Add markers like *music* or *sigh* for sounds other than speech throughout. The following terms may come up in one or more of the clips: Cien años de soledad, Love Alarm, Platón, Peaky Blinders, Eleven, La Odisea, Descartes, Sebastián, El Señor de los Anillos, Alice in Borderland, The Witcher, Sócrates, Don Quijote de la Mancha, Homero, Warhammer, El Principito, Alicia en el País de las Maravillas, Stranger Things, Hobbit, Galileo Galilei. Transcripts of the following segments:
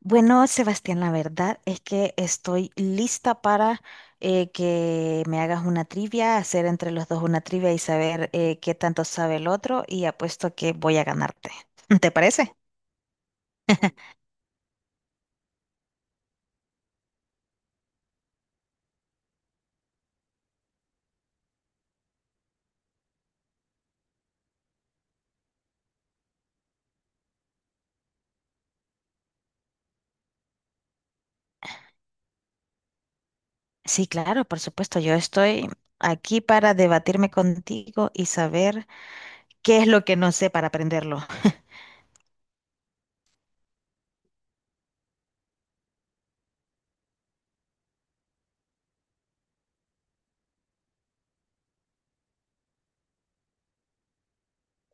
Bueno, Sebastián, la verdad es que estoy lista para que me hagas una trivia, hacer entre los dos una trivia y saber qué tanto sabe el otro y apuesto que voy a ganarte. *laughs* ¿Te parece? Sí, claro, por supuesto. Yo estoy aquí para debatirme contigo y saber qué es lo que no sé para aprenderlo.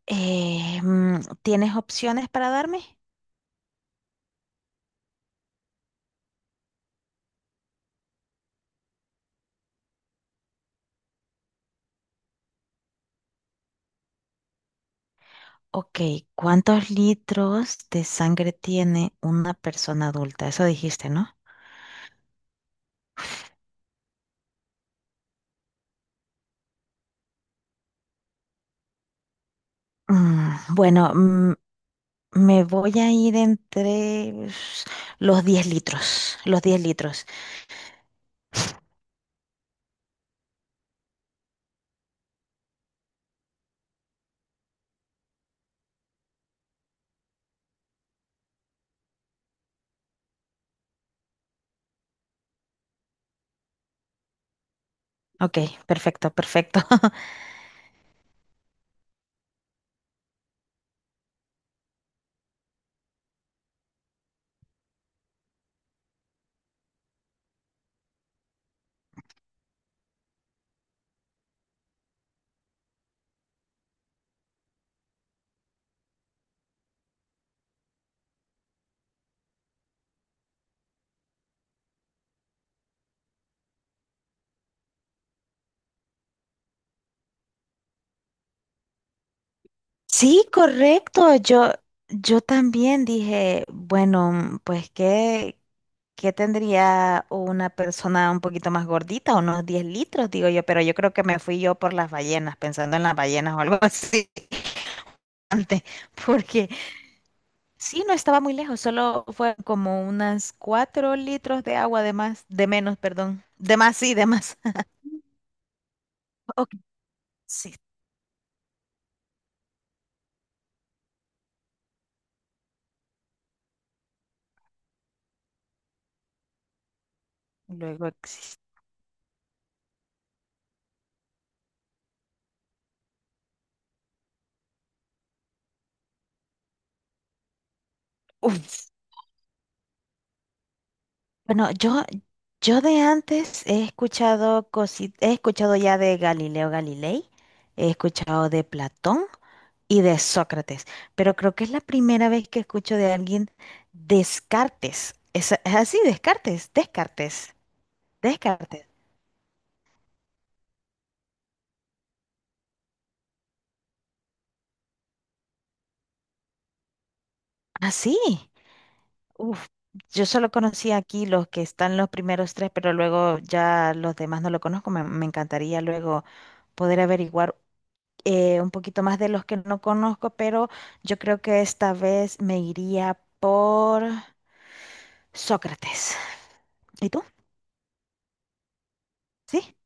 ¿Tienes opciones para darme? Ok, ¿cuántos litros de sangre tiene una persona adulta? Eso dijiste, ¿no? Mm, Bueno, me voy a ir entre los 10 litros, los 10 litros. Ok, perfecto, perfecto. *laughs* Sí, correcto. Yo también dije, bueno, pues ¿qué tendría una persona un poquito más gordita? Unos 10 litros, digo yo, pero yo creo que me fui yo por las ballenas, pensando en las ballenas o algo así. *laughs* Antes, porque sí, no estaba muy lejos, solo fue como unas cuatro litros de agua de más, de menos, perdón. De más, sí, de más. *laughs* Ok, sí, luego existe. Uf. Bueno, yo de antes he escuchado he escuchado ya de Galileo Galilei, he escuchado de Platón y de Sócrates, pero creo que es la primera vez que escucho de alguien Descartes. ¿Es así, Descartes, Descartes, Descartes. Así. Uf, yo solo conocí aquí los que están los primeros tres, pero luego ya los demás no lo conozco. Me encantaría luego poder averiguar un poquito más de los que no conozco, pero yo creo que esta vez me iría por Sócrates. ¿Y tú? ¿Sí?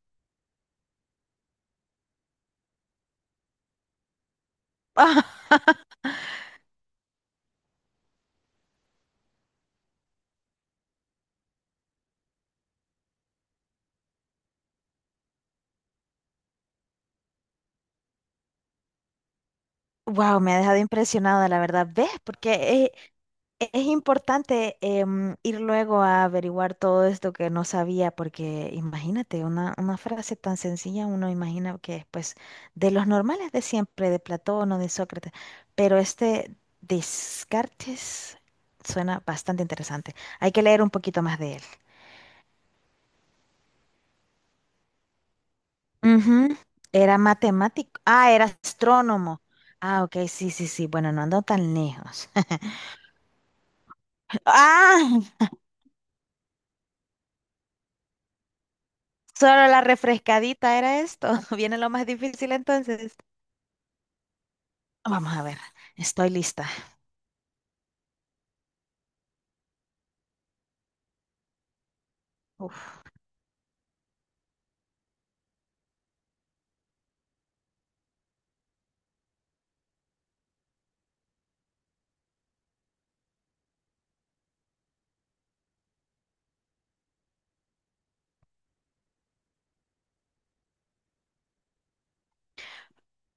*laughs* Wow, me ha dejado impresionada, la verdad. ¿Ves? Porque es importante ir luego a averiguar todo esto que no sabía, porque imagínate, una frase tan sencilla, uno imagina que es pues de los normales de siempre, de Platón o de Sócrates, pero este Descartes suena bastante interesante. Hay que leer un poquito más de él. Ujú. Era matemático. Ah, era astrónomo. Ah, ok, sí, sí, sí. Bueno, no ando tan lejos. *laughs* Ah, solo la refrescadita era esto. *laughs* Viene lo más difícil entonces. Vamos a ver, estoy lista. Uf.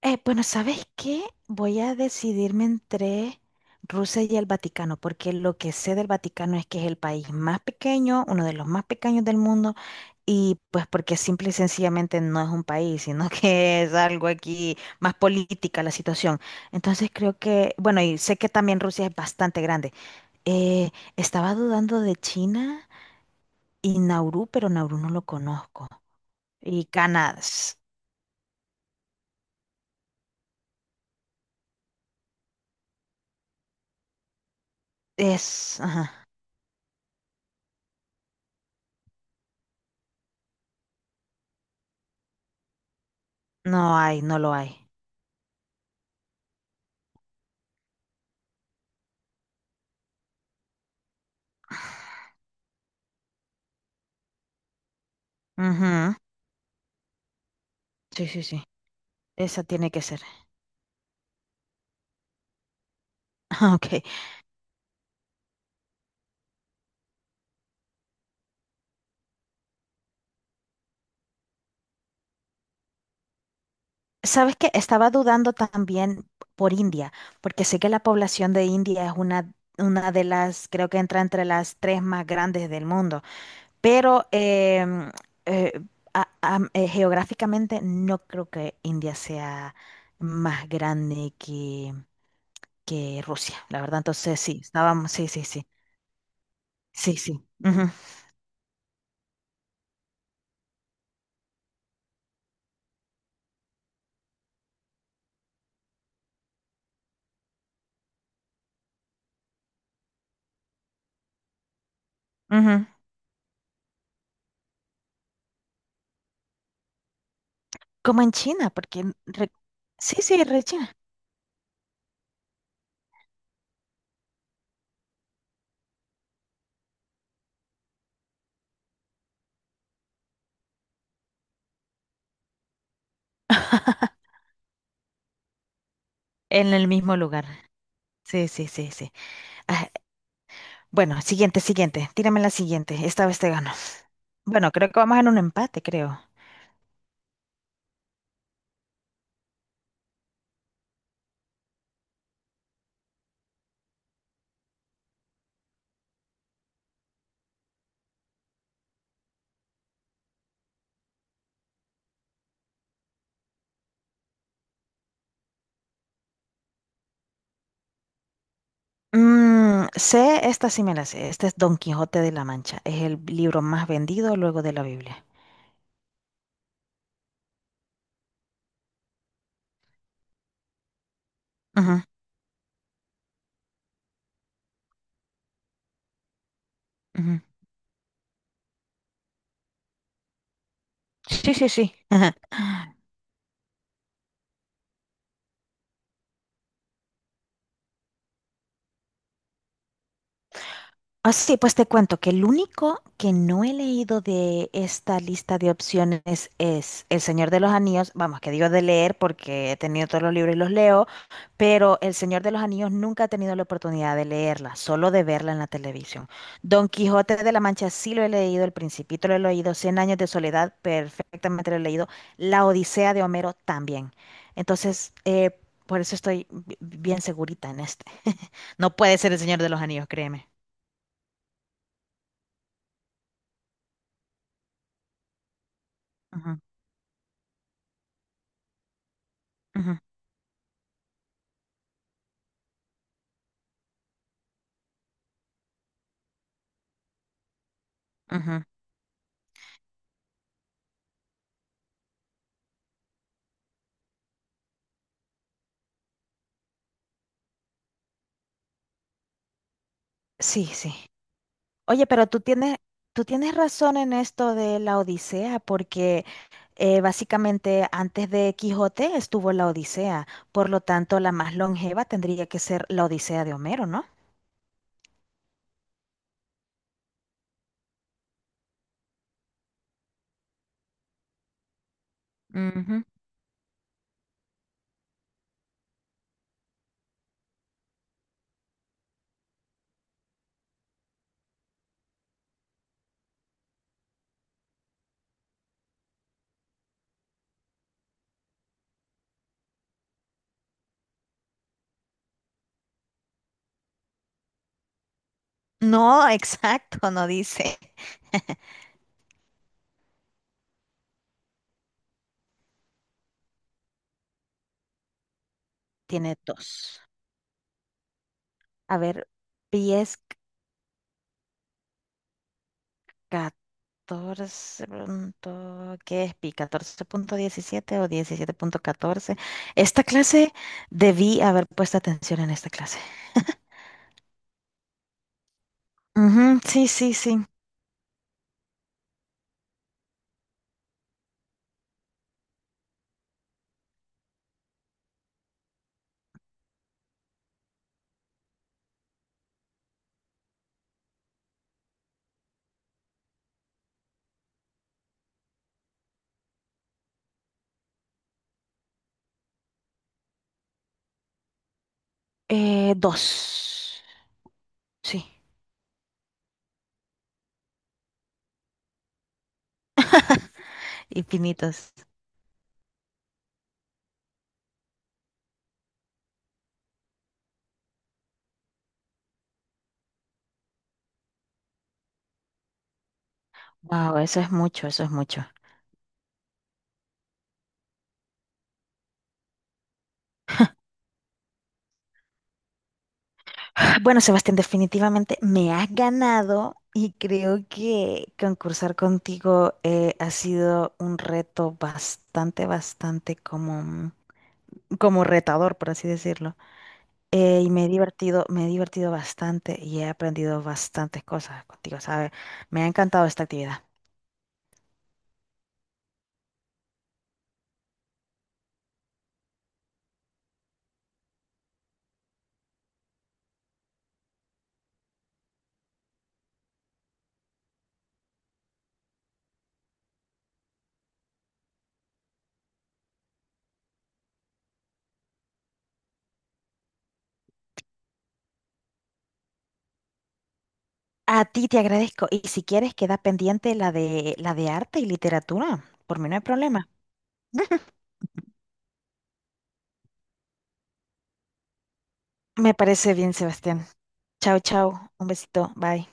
Bueno, ¿sabes qué? Voy a decidirme entre Rusia y el Vaticano, porque lo que sé del Vaticano es que es el país más pequeño, uno de los más pequeños del mundo, y pues porque simple y sencillamente no es un país, sino que *laughs* es algo aquí más política la situación. Entonces creo que, bueno, y sé que también Rusia es bastante grande. Eh, estaba dudando de China y Nauru, pero Nauru no lo conozco. Y Canadá es... ajá. No hay, no lo hay. Ujú. Sí, sí, sí. Esa tiene que ser. *laughs* Ok. ¿Sabes qué? Estaba dudando también por India, porque sé que la población de India es una de las, creo que entra entre las tres más grandes del mundo, pero eh, geográficamente no creo que India sea más grande que Rusia, la verdad. Entonces sí, estábamos, sí, sí, sí. Sí, sí. Ujú, ujú. Como en China, porque sí, sí, re China. En el mismo lugar. Sí, sí, sí, sí. Ah, bueno, siguiente, siguiente. Tírame la siguiente. Esta vez te gano. Bueno, creo que vamos en un empate, creo. Sé, esta sí me la sé. Este es Don Quijote de la Mancha. Es el libro más vendido luego de la Biblia. Ujú, ujú. Sí, sí, sí. *laughs* Ah, sí, pues te cuento que el único que no he leído de esta lista de opciones es El Señor de los Anillos. Vamos, que digo de leer porque he tenido todos los libros y los leo, pero El Señor de los Anillos nunca he tenido la oportunidad de leerla, solo de verla en la televisión. Don Quijote de la Mancha sí lo he leído, El Principito lo he leído, Cien años de soledad perfectamente lo he leído, La Odisea de Homero también. Entonces, por eso estoy bien segurita en este. *laughs* No puede ser El Señor de los Anillos, créeme. Ujú, ujú. Sí, sí. Oye, pero tú tienes razón en esto de la Odisea, porque básicamente antes de Quijote estuvo la Odisea, por lo tanto la más longeva tendría que ser la Odisea de Homero, ¿no? Ujú. No, *laughs* exacto, no dice. Tiene dos. A ver, pi es 14. ¿Qué es pi? ¿Catorce punto diecisiete o diecisiete punto catorce? Esta clase debí haber puesto atención en esta clase. Ujú, sí, sí, sí. Dos. Sí, infinitos. Wow, eso es mucho, eso es mucho. Bueno, Sebastián, definitivamente me has ganado y creo que concursar contigo ha sido un reto bastante, bastante como, como retador, por así decirlo. Y me he divertido bastante y he aprendido bastantes cosas contigo, ¿sabes? Me ha encantado esta actividad. A ti te agradezco. Y si quieres, queda pendiente la de arte y literatura. Por mí no hay problema. *laughs* Me parece bien, Sebastián. Chao, chao. Un besito. Bye.